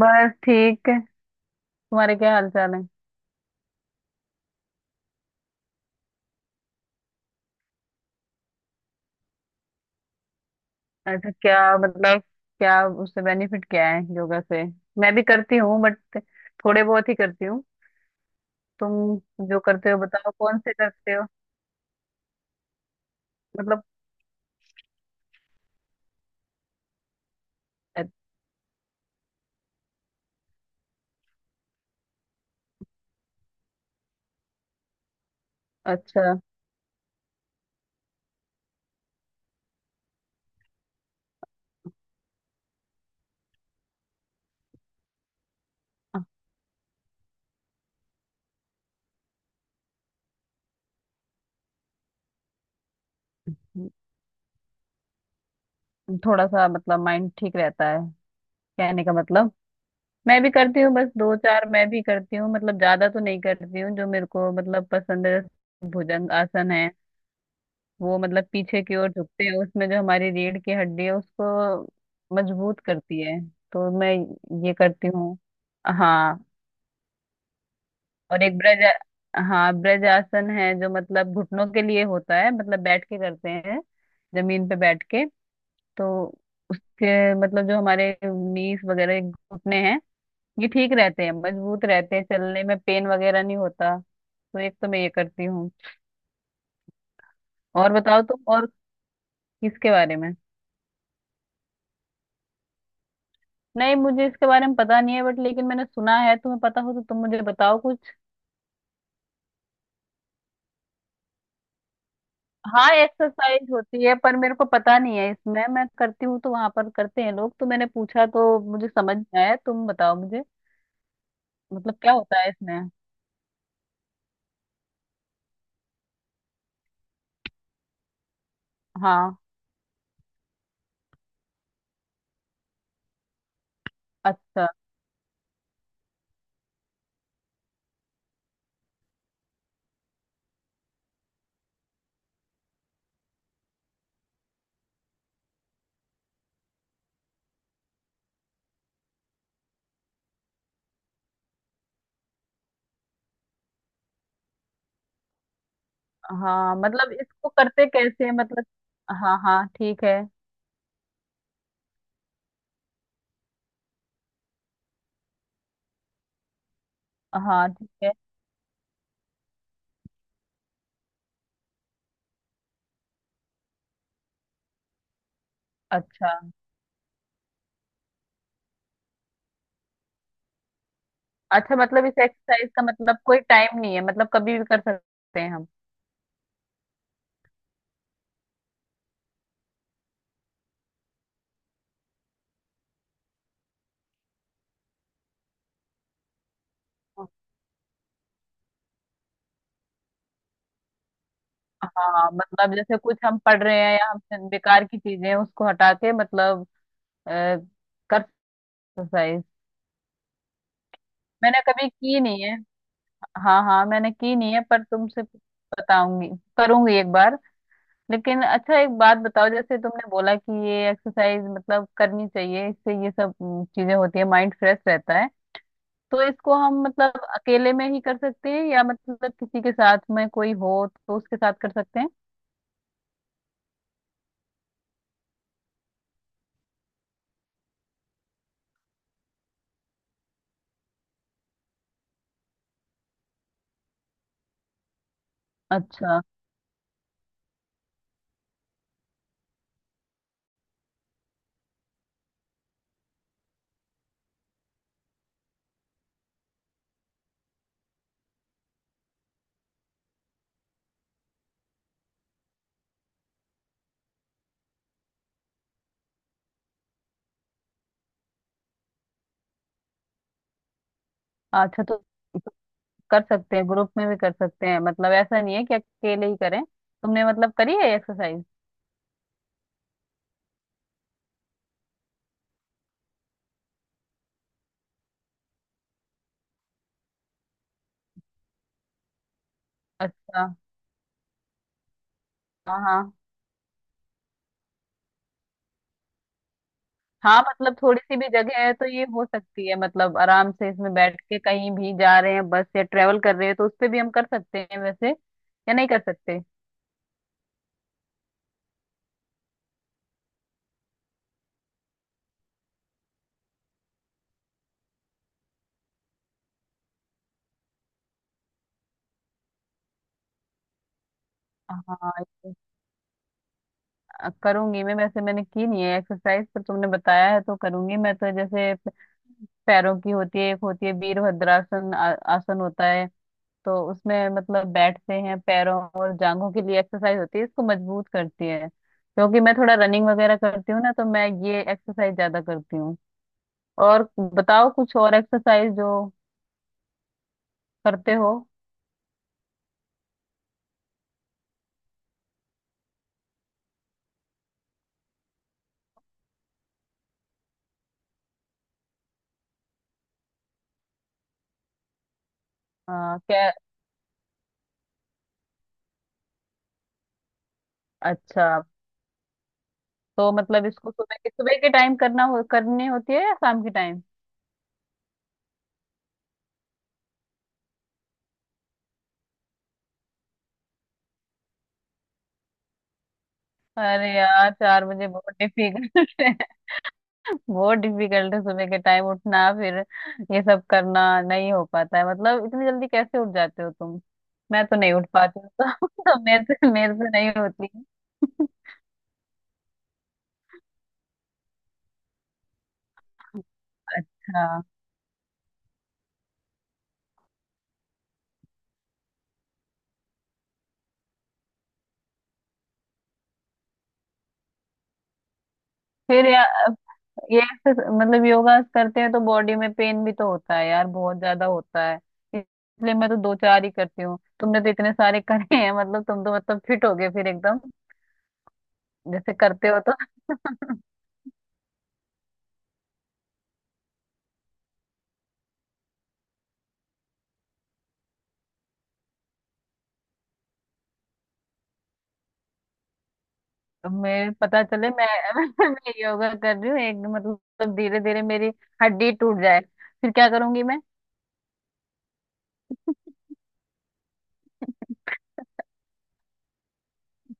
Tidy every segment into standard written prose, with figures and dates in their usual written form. बस ठीक है। तुम्हारे क्या हाल चाल है? अच्छा, क्या मतलब, क्या उससे बेनिफिट क्या है योगा से? मैं भी करती हूँ बट थोड़े बहुत ही करती हूँ। तुम? जो करते हो बताओ, कौन से करते हो? मतलब अ- अच्छा। थोड़ा सा मतलब माइंड ठीक रहता है, कहने का मतलब। मैं भी करती हूँ बस, दो चार मैं भी करती हूँ, मतलब ज्यादा तो नहीं करती हूँ। जो मेरे को मतलब पसंद है भुजंग आसन है। वो मतलब पीछे की ओर झुकते हैं उसमें, जो हमारी रीढ़ की हड्डी है उसको मजबूत करती है। तो मैं ये करती हूँ। हाँ। और एक ब्रज, हाँ ब्रज आसन है जो मतलब घुटनों के लिए होता है, मतलब बैठ के करते हैं, जमीन पे बैठ के। तो उसके मतलब जो हमारे नीस वगैरह घुटने हैं ये ठीक रहते हैं, मजबूत रहते हैं, चलने में पेन वगैरह नहीं होता, तो एक तो मैं ये करती हूँ। और बताओ तुम। और? किसके बारे में? नहीं, मुझे इसके बारे में पता नहीं है बट लेकिन मैंने सुना है। तुम्हें पता हो तो तुम मुझे बताओ कुछ। हाँ, एक्सरसाइज होती है पर मेरे को पता नहीं है इसमें। मैं करती हूँ तो वहां पर करते हैं लोग, तो मैंने पूछा तो मुझे समझ में आया। तुम बताओ मुझे, मतलब क्या होता है इसमें? हाँ। अच्छा। हाँ मतलब इसको करते कैसे हैं? मतलब? हाँ हाँ, ठीक है। हाँ, ठीक है। अच्छा। अच्छा, मतलब इस एक्सरसाइज का मतलब कोई टाइम नहीं है, मतलब कभी भी कर सकते हैं हम? हाँ मतलब जैसे कुछ हम पढ़ रहे हैं या हमसे बेकार की चीजें हैं, उसको हटा के मतलब, अ, कर एक्सरसाइज मैंने कभी की नहीं है। हाँ हाँ, मैंने की नहीं है पर तुमसे बताऊंगी, करूंगी एक बार। लेकिन अच्छा, एक बात बताओ, जैसे तुमने बोला कि ये एक्सरसाइज मतलब करनी चाहिए, इससे ये सब चीजें होती है, माइंड फ्रेश रहता है। तो इसको हम मतलब अकेले में ही कर सकते हैं या मतलब किसी के साथ में, कोई हो तो उसके साथ कर सकते हैं? अच्छा। अच्छा, तो कर सकते हैं, ग्रुप में भी कर सकते हैं, मतलब ऐसा नहीं है कि अकेले ही करें। तुमने मतलब करी है एक्सरसाइज? अच्छा। हाँ हाँ। हाँ मतलब थोड़ी सी भी जगह है तो ये हो सकती है, मतलब आराम से इसमें बैठ के, कहीं भी जा रहे हैं बस या ट्रेवल कर रहे हैं, तो उस पे भी हम कर सकते हैं वैसे या नहीं कर सकते? हाँ, ये- करूंगी मैं। वैसे मैंने की नहीं है एक्सरसाइज पर तुमने बताया है तो करूंगी मैं, तो जैसे पैरों की होती है एक, होती है वीरभद्रासन आसन होता है। तो उसमें मतलब बैठते हैं, पैरों और जांघों के लिए एक्सरसाइज होती है, इसको मजबूत करती है, क्योंकि मैं थोड़ा रनिंग वगैरह करती हूँ ना, तो मैं ये एक्सरसाइज ज्यादा करती हूँ। और बताओ कुछ और एक्सरसाइज जो करते हो। क्या? अच्छा, तो मतलब इसको सुबह के टाइम करना हो करनी होती है या शाम के टाइम? अरे यार, 4 बजे बहुत डिफिकल्ट, बहुत डिफिकल्ट है सुबह के टाइम उठना, फिर ये सब करना नहीं हो पाता है, मतलब इतनी जल्दी कैसे उठ जाते हो तुम? मैं तो नहीं उठ पाती हूँ तो, तो मेरे से नहीं होती है। अच्छा। फिर या, मतलब योगा करते हैं तो बॉडी में पेन भी तो होता है यार, बहुत ज्यादा होता है। इसलिए मैं तो दो चार ही करती हूँ, तुमने तो इतने सारे करे हैं, मतलब तुम तो मतलब फिट हो गए फिर एकदम, जैसे करते हो तो। अब मैं, पता चले मैं मैं योगा कर रही हूँ एक, मतलब धीरे धीरे मेरी हड्डी टूट जाए फिर क्या करूंगी मैं?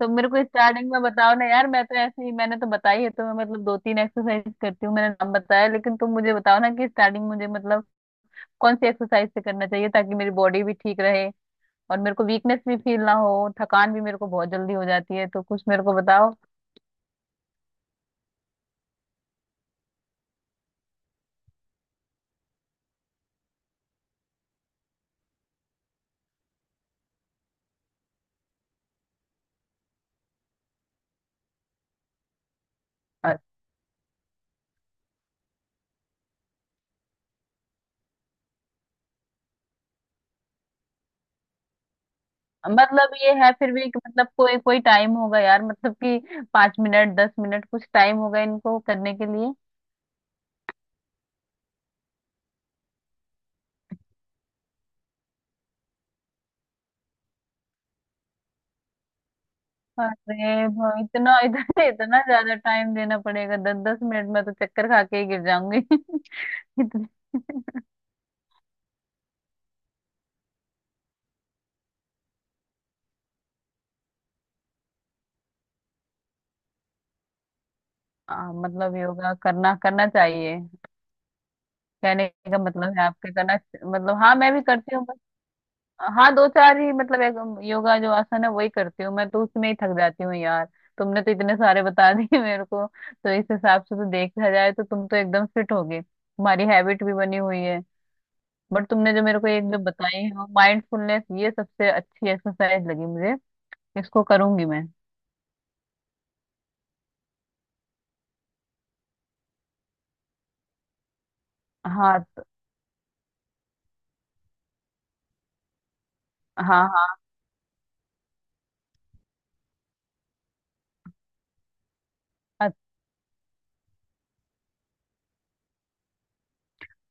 तो मेरे को स्टार्टिंग में बताओ ना यार, मैं तो ऐसे ही मैंने तो बताई है, तो मैं मतलब दो तीन एक्सरसाइज करती हूँ, मैंने नाम बताया, लेकिन तुम मुझे बताओ ना कि स्टार्टिंग मुझे मतलब कौन सी एक्सरसाइज से करना चाहिए ताकि मेरी बॉडी भी ठीक रहे, और मेरे को वीकनेस भी फील ना हो, थकान भी मेरे को बहुत जल्दी हो जाती है, तो कुछ मेरे को बताओ। मतलब ये है फिर भी कि मतलब, कोई कोई टाइम होगा यार, मतलब कि 5 मिनट 10 मिनट कुछ टाइम होगा इनको करने के लिए? अरे भाई, इतना इतना इतना ज्यादा टाइम देना पड़ेगा? 10 10 मिनट में तो चक्कर खा के ही गिर जाऊंगी इतने, हाँ मतलब योगा करना, करना चाहिए, कहने का मतलब है आपके करना मतलब। हाँ मैं भी करती हूँ। हाँ दो चार ही मतलब, एक योगा जो आसन है वही करती हूँ मैं, तो उसमें ही थक जाती हूँ यार। तुमने तो इतने सारे बता दिए मेरे को, तो इस हिसाब से तो देखा जाए तो तुम तो एकदम फिट हो गए, तुम्हारी हैबिट भी बनी हुई है। बट तुमने जो मेरे को एक जो बताई है माइंडफुलनेस, ये सबसे अच्छी एक्सरसाइज लगी मुझे, इसको करूंगी मैं। हाँ हाँ। हाँ। अ-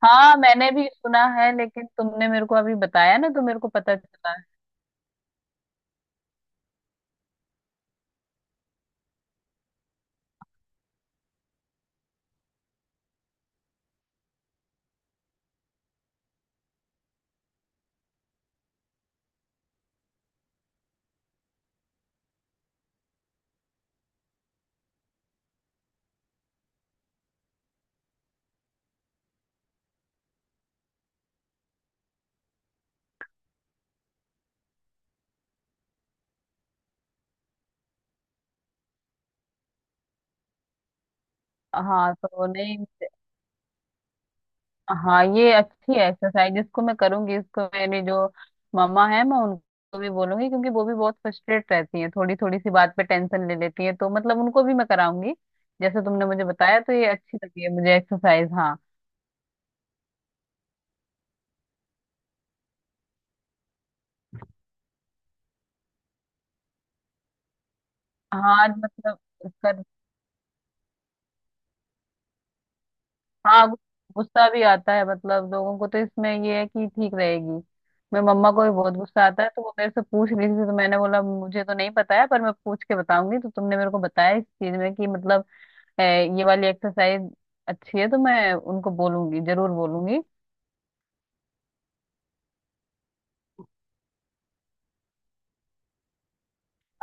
हाँ मैंने भी सुना है, लेकिन तुमने मेरे को अभी बताया ना तो मेरे को पता चला। हाँ, तो नहीं। हाँ, ये अच्छी है एक्सरसाइज, इसको मैं करूंगी। इसको मेरी जो मम्मा है मैं उनको भी बोलूंगी, क्योंकि वो भी बहुत फ्रस्ट्रेट रहती हैं, थोड़ी थोड़ी सी बात पे टेंशन ले लेती हैं, तो मतलब उनको भी मैं कराऊंगी जैसे तुमने मुझे बताया, तो ये अच्छी लगी है मुझे एक्सरसाइज। हाँ। हाँ आज मतलब कर हाँ, गुस्सा भी आता है मतलब लोगों को, तो इसमें ये है कि ठीक रहेगी। मैं, मम्मा को भी बहुत गुस्सा आता है, तो वो मेरे से पूछ रही थी तो मैंने बोला मुझे तो नहीं पता है, पर मैं पूछ के बताऊंगी, तो तुमने मेरे को बताया इस चीज में कि मतलब है ये वाली एक्सरसाइज अच्छी है, तो मैं उनको बोलूंगी, जरूर बोलूंगी।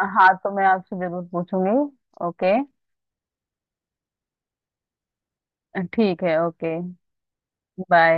हाँ, तो मैं आपसे जरूर पूछूंगी। ओके। ठीक है। Okay, bye.